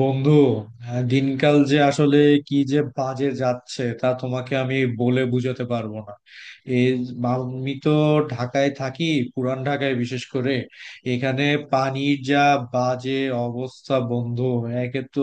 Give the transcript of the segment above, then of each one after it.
বন্ধু, দিনকাল যে আসলে কি যে বাজে যাচ্ছে তা তোমাকে আমি বলে বোঝাতে পারবো না। এই, আমি তো ঢাকায় থাকি, পুরান ঢাকায় বিশেষ করে। এখানে পানির যা বাজে অবস্থা, বন্ধু। একে তো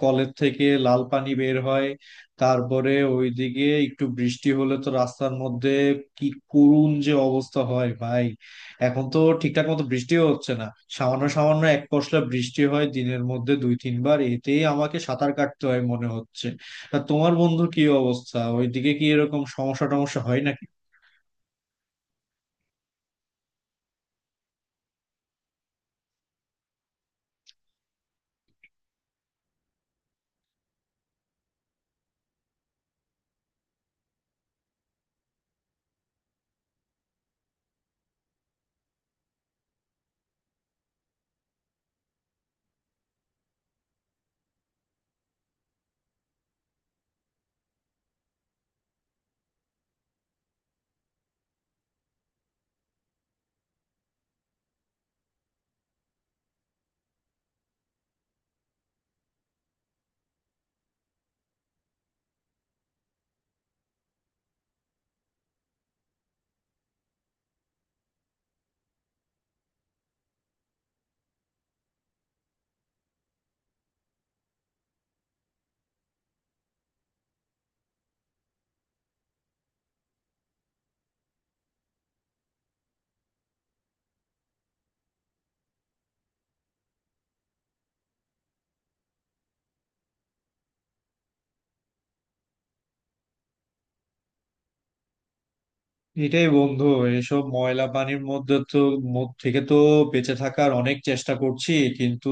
কলের থেকে লাল পানি বের হয়, তারপরে ওইদিকে একটু বৃষ্টি হলে তো রাস্তার মধ্যে কি করুণ যে অবস্থা হয় ভাই। এখন তো ঠিকঠাক মতো বৃষ্টিও হচ্ছে না। সামান্য সামান্য এক পশলা বৃষ্টি হয় দিনের মধ্যে দুই তিনবার, এতেই আমাকে সাঁতার কাটতে হয় মনে হচ্ছে। তা তোমার বন্ধু কি অবস্থা? ওইদিকে কি এরকম সমস্যা টমস্যা হয় নাকি? এটাই বন্ধু। এসব ময়লা পানির মধ্যে থেকে তো বেঁচে থাকার অনেক চেষ্টা করছি, কিন্তু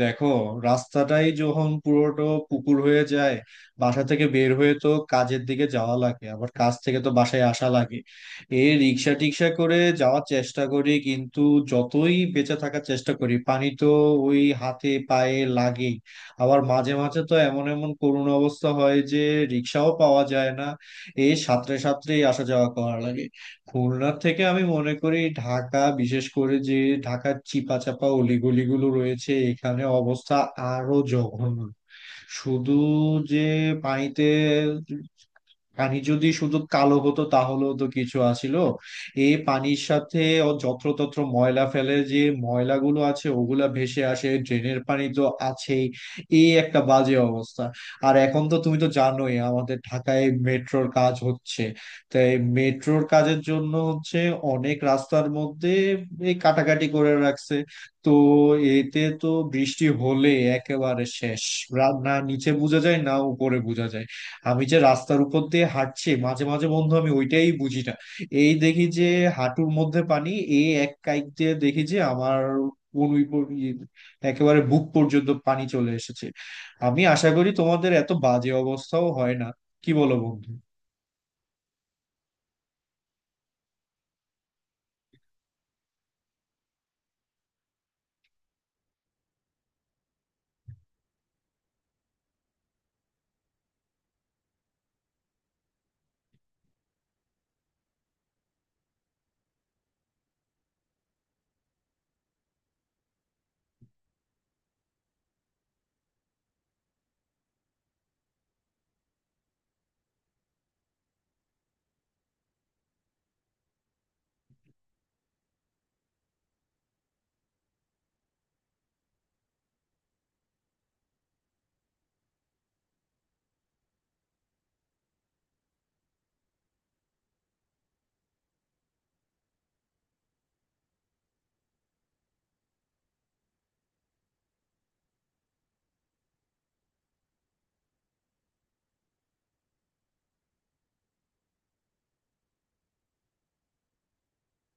দেখো, রাস্তাটাই যখন পুরোটা পুকুর হয়ে যায়। বাসা থেকে বের হয়ে তো কাজের দিকে যাওয়া লাগে, আবার কাজ থেকে তো বাসায় আসা লাগে। এই রিক্সা টিক্সা করে যাওয়ার চেষ্টা করি, কিন্তু যতই বেঁচে থাকার চেষ্টা করি পানি তো ওই হাতে পায়ে লাগেই। আবার মাঝে মাঝে তো এমন এমন করুণ অবস্থা হয় যে রিক্সাও পাওয়া যায় না, এই সাঁতরে সাঁতরেই আসা যাওয়া করা লাগে। খুলনা থেকে আমি মনে করি ঢাকা, বিশেষ করে যে ঢাকার চিপা চাপা অলিগলিগুলো রয়েছে, এখানে অবস্থা আরো জঘন্য। শুধু যে পানিতে, পানি যদি শুধু কালো হতো তাহলেও তো কিছু আছিল। এই পানির সাথে, ও যত্রতত্র ময়লা ফেলে যে ময়লাগুলো আছে ওগুলা ভেসে আসে, ড্রেনের পানি তো আছেই। এই একটা বাজে অবস্থা। আর এখন তো তুমি তো জানোই আমাদের ঢাকায় মেট্রোর কাজ হচ্ছে। তাই মেট্রোর কাজের জন্য হচ্ছে অনেক রাস্তার মধ্যে এই কাটাকাটি করে রাখছে। তো এতে তো বৃষ্টি হলে একেবারে শেষ। না, নিচে বোঝা যায় না উপরে বোঝা যায়। আমি যে রাস্তার উপর দিয়ে হাঁটছি মাঝে মাঝে বন্ধু আমি ওইটাই বুঝি না। এই দেখি যে হাঁটুর মধ্যে পানি, এই এক কাইক দিয়ে দেখি যে আমার কোন উই পর- ই- একেবারে বুক পর্যন্ত পানি চলে এসেছে। আমি আশা করি তোমাদের এত বাজে অবস্থাও হয় না। কি বলো বন্ধু?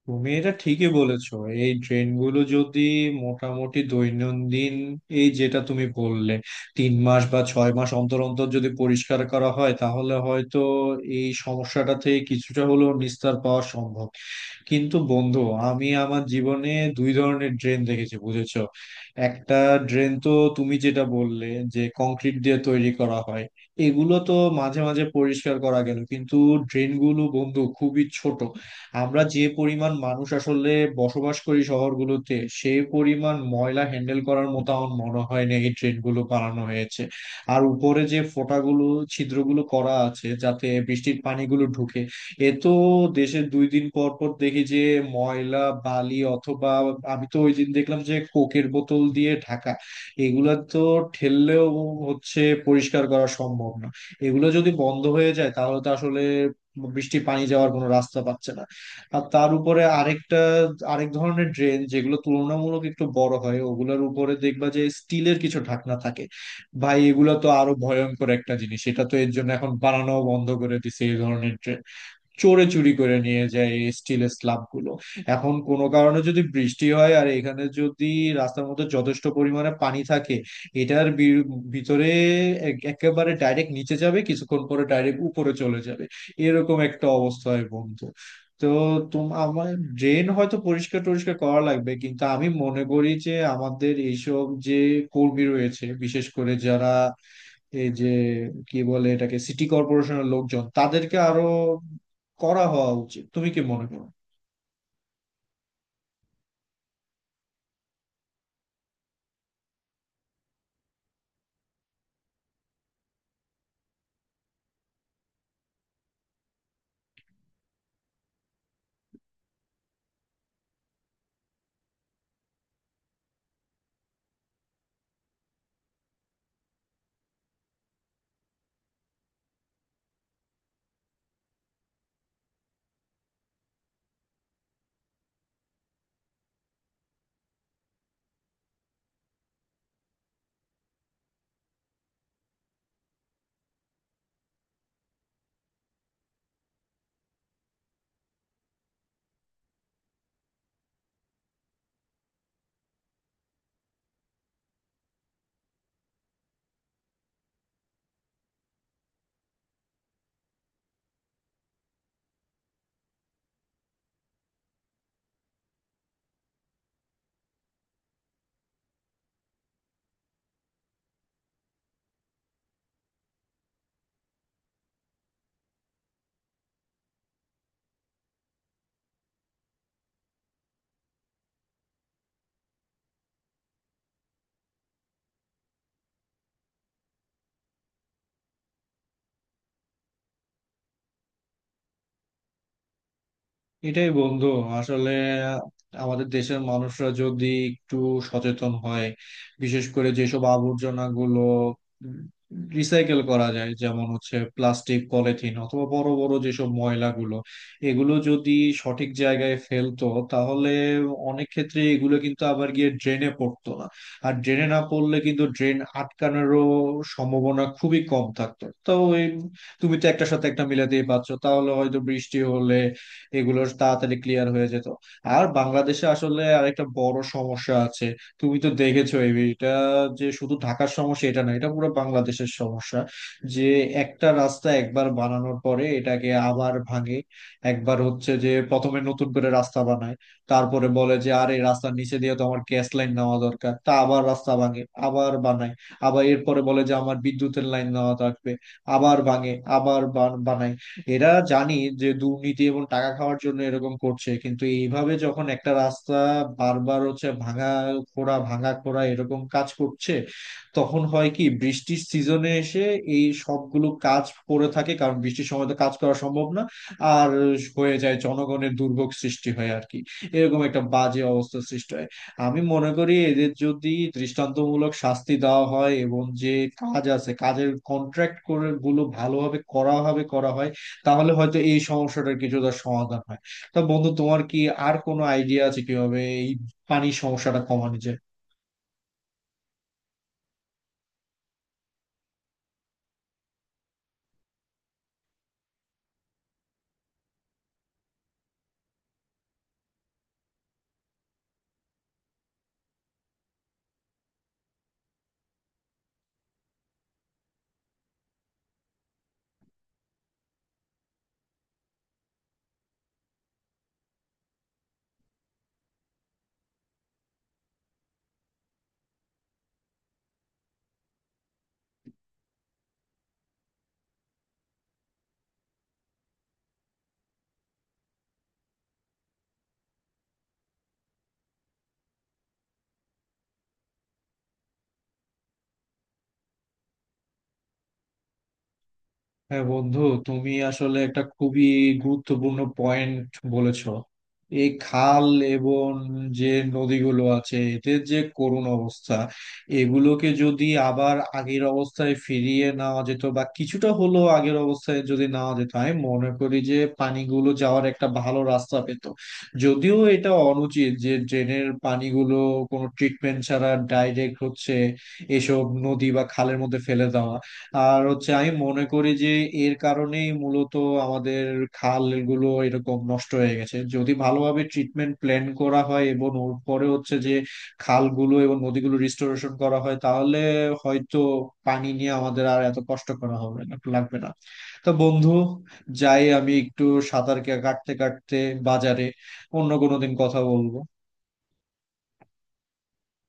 তুমি এটা ঠিকই বলেছো। এই ট্রেনগুলো যদি মোটামুটি দৈনন্দিন, এই যেটা তুমি বললে, 3 মাস বা 6 মাস অন্তর অন্তর যদি পরিষ্কার করা হয়, তাহলে হয়তো এই সমস্যাটা থেকে কিছুটা হলেও নিস্তার পাওয়া সম্ভব। কিন্তু বন্ধু, আমি আমার জীবনে দুই ধরনের ড্রেন দেখেছি, বুঝেছো? একটা ড্রেন তো, তুমি যেটা বললে, যে কংক্রিট দিয়ে তৈরি করা হয়, এগুলো তো মাঝে মাঝে পরিষ্কার করা গেল, কিন্তু ড্রেনগুলো বন্ধু খুবই ছোট। আমরা যে পরিমাণ মানুষ আসলে বসবাস করি শহরগুলোতে, সেই পরিমাণ ময়লা হ্যান্ডেল করার মতো আমার মনে হয় না এই ড্রেনগুলো বানানো হয়েছে। আর উপরে যে ছিদ্রগুলো করা আছে যাতে বৃষ্টির পানিগুলো ঢুকে, এ তো দেশের 2 দিন পর পর দেখি যে ময়লা, বালি, অথবা আমি তো ওই দিন দেখলাম যে কোকের বোতল দিয়ে ঢাকা। এগুলা তো ঠেললেও হচ্ছে পরিষ্কার করা সম্ভব না। এগুলো যদি বন্ধ হয়ে যায় তাহলে তো আসলে বৃষ্টি পানি যাওয়ার কোনো রাস্তা পাচ্ছে না। আর তার উপরে আরেক ধরনের ড্রেন যেগুলো তুলনামূলক একটু বড় হয়, ওগুলোর উপরে দেখবা যে স্টিলের কিছু ঢাকনা থাকে। ভাই, এগুলো তো আরো ভয়ঙ্কর একটা জিনিস। এটা তো এর জন্য এখন বানানো বন্ধ করে দিছে এই ধরনের ড্রেন। চোরে চুরি করে নিয়ে যায় এই স্টিলের স্ল্যাব গুলো। এখন কোনো কারণে যদি বৃষ্টি হয় আর এখানে যদি রাস্তার মধ্যে যথেষ্ট পরিমাণে পানি থাকে, এটার ভিতরে একেবারে ডাইরেক্ট নিচে যাবে, কিছুক্ষণ পরে ডাইরেক্ট উপরে চলে যাবে। এরকম একটা অবস্থা হয় বন্ধু। তো আমার ড্রেন হয়তো পরিষ্কার টরিষ্কার করা লাগবে, কিন্তু আমি মনে করি যে আমাদের এইসব যে কর্মী রয়েছে বিশেষ করে যারা, এই যে কি বলে এটাকে সিটি কর্পোরেশনের লোকজন, তাদেরকে আরো করা হওয়া উচিত। তুমি কি মনে করো? এটাই বন্ধু। আসলে আমাদের দেশের মানুষরা যদি একটু সচেতন হয়, বিশেষ করে যেসব আবর্জনা গুলো রিসাইকেল করা যায়, যেমন হচ্ছে প্লাস্টিক, পলিথিন অথবা বড় বড় যেসব ময়লাগুলো, এগুলো যদি সঠিক জায়গায় ফেলতো, তাহলে অনেক ক্ষেত্রে এগুলো কিন্তু আবার গিয়ে ড্রেনে পড়তো না। আর ড্রেনে না পড়লে কিন্তু ড্রেন আটকানোরও সম্ভাবনা খুবই কম থাকতো। তো এই, তুমি তো একটার সাথে একটা মিলাতেই পারছো, তাহলে হয়তো বৃষ্টি হলে এগুলোর তাড়াতাড়ি ক্লিয়ার হয়ে যেত। আর বাংলাদেশে আসলে আরেকটা বড় সমস্যা আছে। তুমি তো দেখেছো এই এটা যে শুধু ঢাকার সমস্যা এটা না, এটা পুরো বাংলাদেশের সমস্যা। যে একটা রাস্তা একবার বানানোর পরে এটাকে আবার ভাঙে। একবার হচ্ছে যে প্রথমে নতুন করে রাস্তা বানায়, তারপরে বলে যে আরে রাস্তার নিচে দিয়ে তো আমার গ্যাস লাইন নেওয়া দরকার, তা আবার রাস্তা ভাঙে, আবার বানায়। আবার এরপরে বলে যে আমার বিদ্যুতের লাইন নেওয়া থাকবে, আবার ভাঙে আবার বানায়। এরা জানি যে দুর্নীতি এবং টাকা খাওয়ার জন্য এরকম করছে। কিন্তু এইভাবে যখন একটা রাস্তা বারবার হচ্ছে ভাঙা খোঁড়া ভাঙা খোঁড়া এরকম কাজ করছে, তখন হয় কি, বৃষ্টির সিজনে এসে এই সবগুলো কাজ পড়ে থাকে, কারণ বৃষ্টির সময় তো কাজ করা সম্ভব না। আর হয়ে যায় জনগণের দুর্ভোগ সৃষ্টি হয় আর কি, এরকম একটা বাজে অবস্থা সৃষ্টি হয়। আমি মনে করি এদের যদি দৃষ্টান্তমূলক শাস্তি দেওয়া হয়, এবং যে কাজ আছে কাজের কন্ট্রাক্ট করে গুলো ভালোভাবে করা হবে করা হয়, তাহলে হয়তো এই সমস্যাটার কিছুটা সমাধান হয়। তা বন্ধু, তোমার কি আর কোনো আইডিয়া আছে কিভাবে এই পানির সমস্যাটা কমানো যায়? হ্যাঁ বন্ধু, তুমি আসলে একটা খুবই গুরুত্বপূর্ণ পয়েন্ট বলেছো। এই খাল এবং যে নদীগুলো আছে এদের যে করুণ অবস্থা, এগুলোকে যদি আবার আগের অবস্থায় ফিরিয়ে নেওয়া যেত বা কিছুটা হলেও আগের অবস্থায় যদি নেওয়া যেত, আমি মনে করি যে পানিগুলো যাওয়ার একটা ভালো রাস্তা পেত। যদিও এটা অনুচিত যে ড্রেনের পানিগুলো কোনো ট্রিটমেন্ট ছাড়া ডাইরেক্ট হচ্ছে এসব নদী বা খালের মধ্যে ফেলে দেওয়া। আর হচ্ছে আমি মনে করি যে এর কারণেই মূলত আমাদের খালগুলো এরকম নষ্ট হয়ে গেছে। যদি ভালোভাবে ট্রিটমেন্ট প্ল্যান করা হয় এবং ওর পরে হচ্ছে যে খালগুলো এবং নদীগুলো রিস্টোরেশন করা হয়, তাহলে হয়তো পানি নিয়ে আমাদের আর এত কষ্ট করা হবে না লাগবে না। তো বন্ধু, যাই আমি একটু সাঁতার কাটতে কাটতে বাজারে, অন্য কোনো দিন কথা বলবো।